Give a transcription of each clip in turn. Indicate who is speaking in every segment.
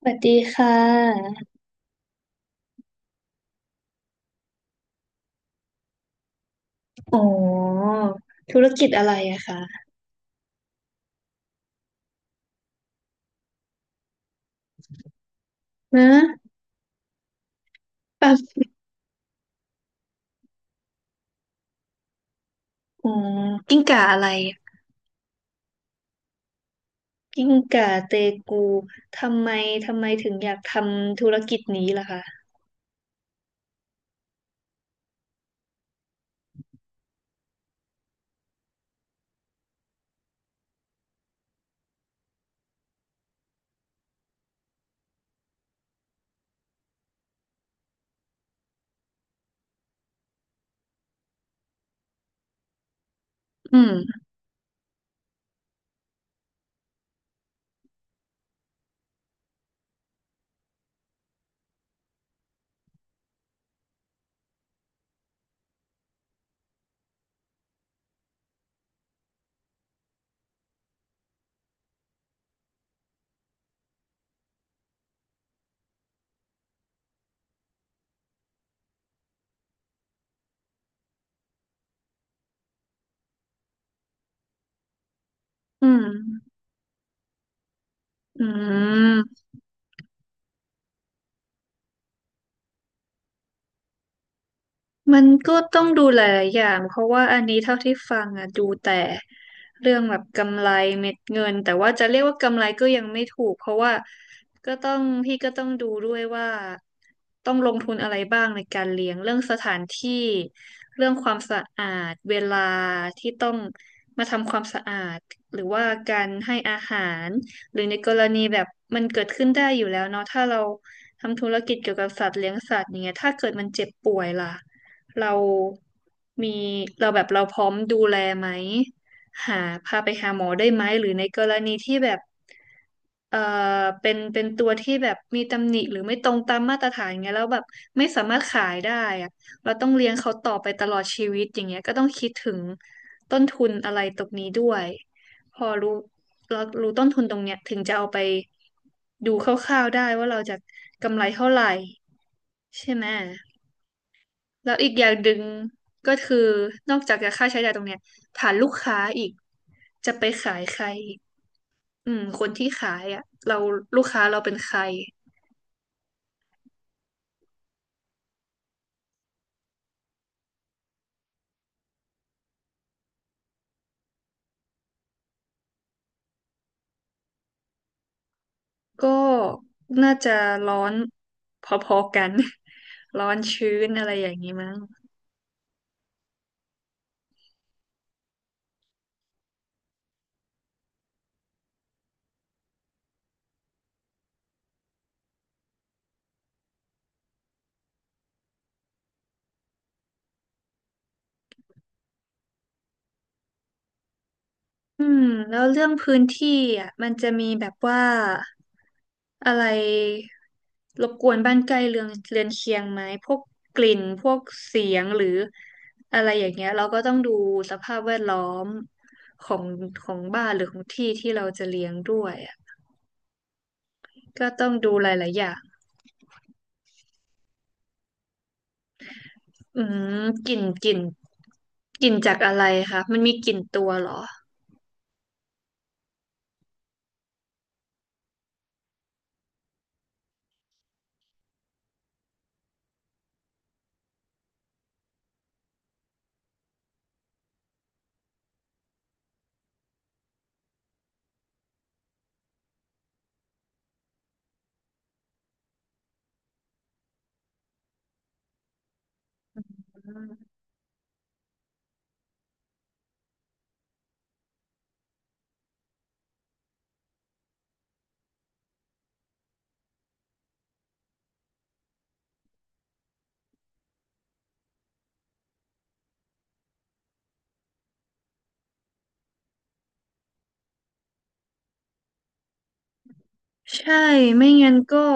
Speaker 1: สวัสดีค่ะอ๋อธุรกิจอะไรอะคะนะปั๊บอ๋อกิ้งก่าอะไร กิ้งก่าเตกู ทำไมถึงอยากทำธุรกิจนี้ล่ะคะอืม อืม อืม มันก็ต้องดูหลายๆอย่างเพราะว่าอันนี้เท่าที่ฟังอ่ะดูแต่เรื่องแบบกำไรเม็ดเงินแต่ว่าจะเรียกว่ากำไรก็ยังไม่ถูกเพราะว่าก็ต้องพี่ก็ต้องดูด้วยว่าต้องลงทุนอะไรบ้างในการเลี้ยงเรื่องสถานที่เรื่องความสะอาดเวลาที่ต้องมาทำความสะอาดหรือว่าการให้อาหารหรือในกรณีแบบมันเกิดขึ้นได้อยู่แล้วเนาะถ้าเราทำธุรกิจเกี่ยวกับสัตว์เลี้ยงสัตว์อย่างเงี้ยถ้าเกิดมันเจ็บป่วยล่ะ เรามีเราแบบเราพร้อมดูแลไหมหาพาไปหาหมอได้ไหมหรือในกรณีที่แบบเอ่อเป็นตัวที่แบบมีตำหนิหรือไม่ตรงตามมาตรฐานเงี้ยแล้วแบบไม่สามารถขายได้อะเราต้องเลี้ยงเขาต่อไปตลอดชีวิตอย่างเงี้ยก็ต้องคิดถึงต้นทุนอะไรตรงนี้ด้วยพอรู้เรารู้ต้นทุนตรงเนี้ยถึงจะเอาไปดูคร่าวๆได้ว่าเราจะกำไรเท่าไหร่ใช่ไหม แล้วอีกอย่างหนึ่งก็คือนอกจากจะค่าใช้จ่ายตรงเนี้ยฐานลูกค้าอีกจะไปขายใครอีกอืมคนที่ขายอ่ะเราลูกค้าเราเป็นใครก็น่าจะร้อนพอๆกัน ร้อนชื้นอะไรอย่างนี้มั้ง อืมแล้วเรื่องพื้นที่อ่ะมันจะมีแบบว่าอะไรรบกวนบ้านใกล้เรือนเคียงไหมพวกกลิ่นพวกเสียงหรืออะไรอย่างเงี้ยเราก็ต้องดูสภาพแวดล้อมของของบ้านหรือของที่ที่เราจะเลี้ยงด้วยอ่ะก็ต้องดูหลายๆอย่างอืมกลิ่นกลิ่นจากอะไรคะมันมีกลิ่นตัวเหรอใช่ไม่งั้นก็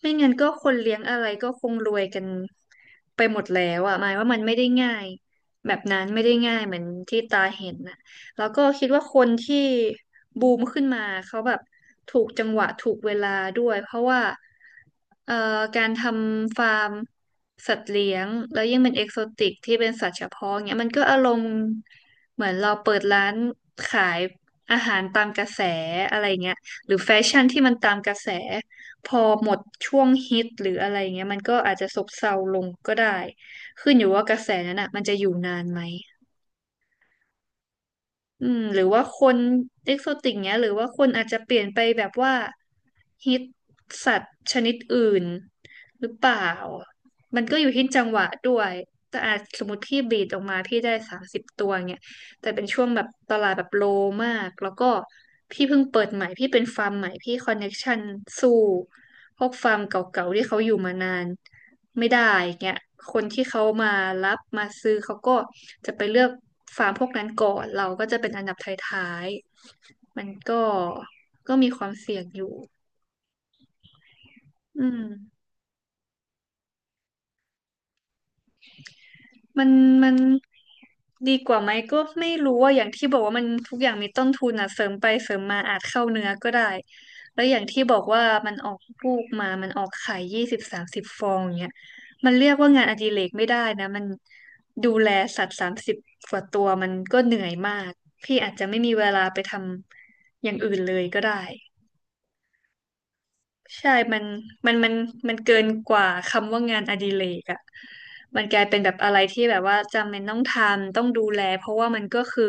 Speaker 1: ไม่งั้นก็คนเลี้ยงอะไรก็คงรวยกันไปหมดแล้วอ่ะหมายว่ามันไม่ได้ง่ายแบบนั้นไม่ได้ง่ายเหมือนที่ตาเห็นน่ะแล้วก็คิดว่าคนที่บูมขึ้นมาเขาแบบถูกจังหวะถูกเวลาด้วยเพราะว่าเอ่อการทำฟาร์มสัตว์เลี้ยงแล้วยิ่งเป็นเอกโซติกที่เป็นสัตว์เฉพาะเงี้ยมันก็อารมณ์เหมือนเราเปิดร้านขายอาหารตามกระแสอะไรเงี้ยหรือแฟชั่นที่มันตามกระแส พอหมดช่วงฮิตหรืออะไรเงี้ยมันก็อาจจะซบเซาลงก็ได้ขึ้นอยู่ว่ากระแสนั้นอ่ะมันจะอยู่นานไหมอืมหรือว่าคนเอ็กโซติกเนี้ยหรือว่าคนอาจจะเปลี่ยนไปแบบว่าฮิตสัตว์ชนิดอื่นหรือเปล่ามันก็อยู่ที่จังหวะด้วยแต่อาจสมมติพี่บีดออกมาพี่ได้สามสิบตัวเงี้ยแต่เป็นช่วงแบบตลาดแบบโลมากแล้วก็พี่เพิ่งเปิดใหม่พี่เป็นฟาร์มใหม่พี่คอนเน็กชันสู้ พวกฟาร์มเก่าๆที่เขาอยู่มานานไม่ได้เงี้ยคนที่เขามารับมาซื้อเขาก็จะไปเลือกฟาร์มพวกนั้นก่อนเราก็จะเป็นอันดับท้ายๆมันก็มีความเสี่ยงอยู่อืม มันมันดีกว่าไหมก็ไม่รู้ว่าอย่างที่บอกว่ามันทุกอย่างมีต้นทุนอ่ะเสริมไปเสริมมาอาจเข้าเนื้อก็ได้แล้วอย่างที่บอกว่ามันออกลูกมามันออกไข่ยี่สิบสามสิบฟองอย่างเงี้ยมันเรียกว่างานอดิเรกไม่ได้นะมันดูแลสัตว์สามสิบกว่าตัวมันก็เหนื่อยมากพี่อาจจะไม่มีเวลาไปทำอย่างอื่นเลยก็ได้ ใช่มันมันเกินกว่าคำว่างานอดิเรกอ่ะมันกลายเป็นแบบอะไรที่แบบว่าจำเป็นต้องทำต้องดูแลเพราะว่ามันก็คือ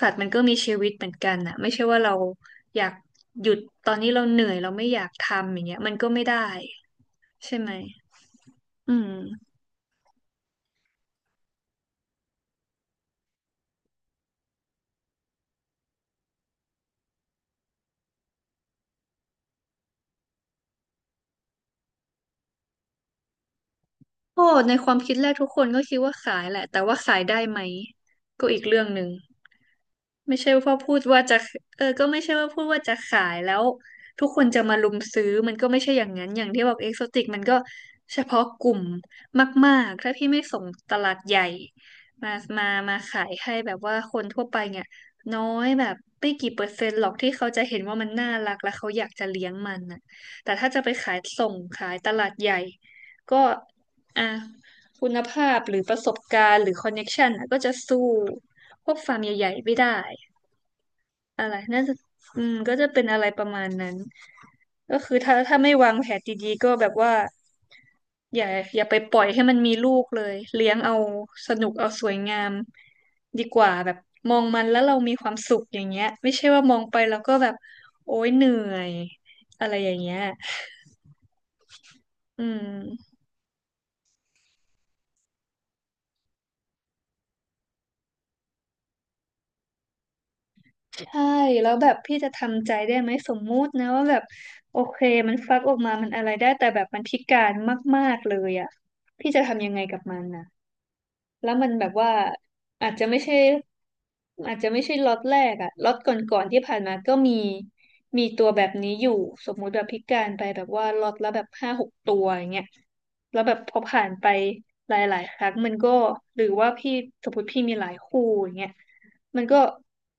Speaker 1: สัตว์มันก็มีชีวิตเหมือนกันอ่ะไม่ใช่ว่าเราอยากหยุดตอนนี้เราเหนื่อยเราไม่อยากทำอย่างเงี้ยมันก็ไม่ได้ใช่ไหมอืมโอ้ในความคิดแรกทุกคนก็คิดว่าขายแหละแต่ว่าขายได้ไหมก็อีกเรื่องหนึ่ง ไม่ใช่ว่าพูดว่าจะเออก็ไม่ใช่ว่าพูดว่าจะขายแล้วทุกคนจะมารุมซื้อมันก็ไม่ใช่อย่างนั้นอย่างที่บอกเอ็กโซติกมันก็เฉพาะกลุ่มมากๆถ้าพี่ไม่ส่งตลาดใหญ่มามามาขายให้แบบว่าคนทั่วไปเนี่ยน้อยแบบไม่กี่เปอร์เซ็นต์หรอกที่เขาจะเห็นว่ามันน่ารักและเขาอยากจะเลี้ยงมันน่ะแต่ถ้าจะไปขายส่งขายตลาดใหญ่ก็อ่ะคุณภาพหรือประสบการณ์หรือคอนเน็กชันน่ะก็จะสู้พวกฟาร์มใหญ่ๆไม่ได้ อะไรน่าจะอืมก็จะเป็นอะไรประมาณนั้นก็คือถ้าไม่วางแผนดีๆก็แบบว่าอย่าอย่าไปปล่อยให้มันมีลูกเลยเลี้ยงเอาสนุกเอาสวยงามดีกว่าแบบมองมันแล้วเรามีความสุขอย่างเงี้ยไม่ใช่ว่ามองไปแล้วก็แบบโอ๊ยเหนื่อยอะไรอย่างเงี้ยอืมใช่แล้วแบบพี่จะทำใจได้ไหมสมมุตินะว่าแบบโอเคมันฟักออกมามันอะไรได้แต่แบบมันพิการมากๆเลยอ่ะพี่จะทำยังไงกับมันนะ แล้วมันแบบว่าอาจจะไม่ใช่อาจจะไม่ใช่ล็อตแรกอะล็อตก่อนๆที่ผ่านมาก็มีมีตัวแบบนี้อยู่สมมุติแบบพิการไปแบบว่าล็อตละแบบห้าหกตัวอย่างเงี้ยแล้วแบบพอผ่านไปหลายๆครั้งมันก็หรือว่าพี่สมมติพี่มีหลายคู่อย่างเงี้ยมันก็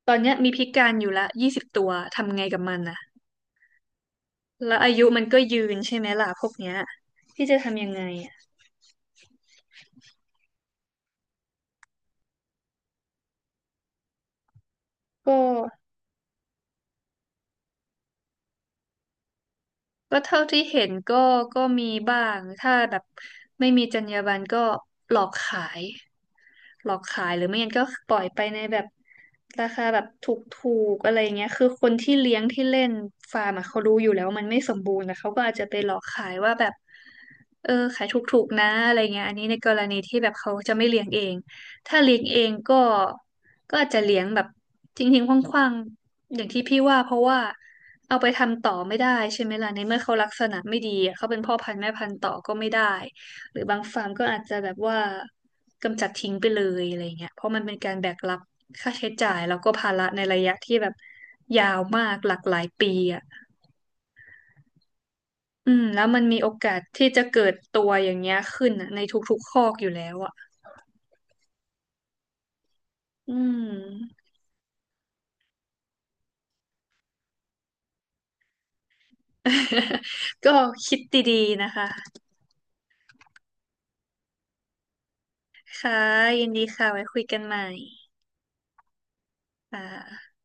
Speaker 1: ตอนเนี้ยมีพิการอยู่ละยี่สิบตัวทำไงกับมันอะแล้วอายุมันก็ยืนใช่ไหมล่ะพวกเนี้ยที่จะทำยังไงอะก็ ก็เท่าที่เห็นก็มีบ้างถ้าแบบไม่มีจรรยาบรรณก็หลอกขายหลอกขายหรือไม่งั้นก็ปล่อยไปในแบบราคาแบบถูกๆอะไรเงี้ยคือคนที่เลี้ยงที่เล่นฟาร์มอะเขารู้อยู่แล้วว่ามันไม่สมบูรณ์นะเขาก็อาจจะไปหลอกขายว่าแบบเออขายถูกๆนะอะไรเงี้ยอันนี้ในกรณีที่แบบเขาจะไม่เลี้ยงเอง ถ้าเลี้ยงเองก็ก็อาจจะเลี้ยงแบบทิ้งทิ้งขว้างๆอย่างที่พี่ว่าเพราะว่าเอาไปทำต่อไม่ได้ใช่ไหมล่ะในเมื่อเขาลักษณะไม่ดีอะเขาเป็นพ่อพันธุ์แม่พันธุ์ต่อก็ไม่ได้หรือบางฟาร์มก็อาจจะแบบว่ากำจัดทิ้งไปเลยอะไรเงี้ยเพราะมันเป็นการแบกรับค่าใช้จ่ายแล้วก็ภาระในระยะที่แบบยาวมากหลากหลายปีอ่ะอืมแล้วมันมีโอกาสที่จะเกิดตัวอย่างเงี้ยขึ้นอะในทุกๆคอกอยู่แล้วอ่ะอืม ก็คิดดีๆนะคะ ค่ะยินดีค่ะ ไว้คุยกันใหม่ค่ะ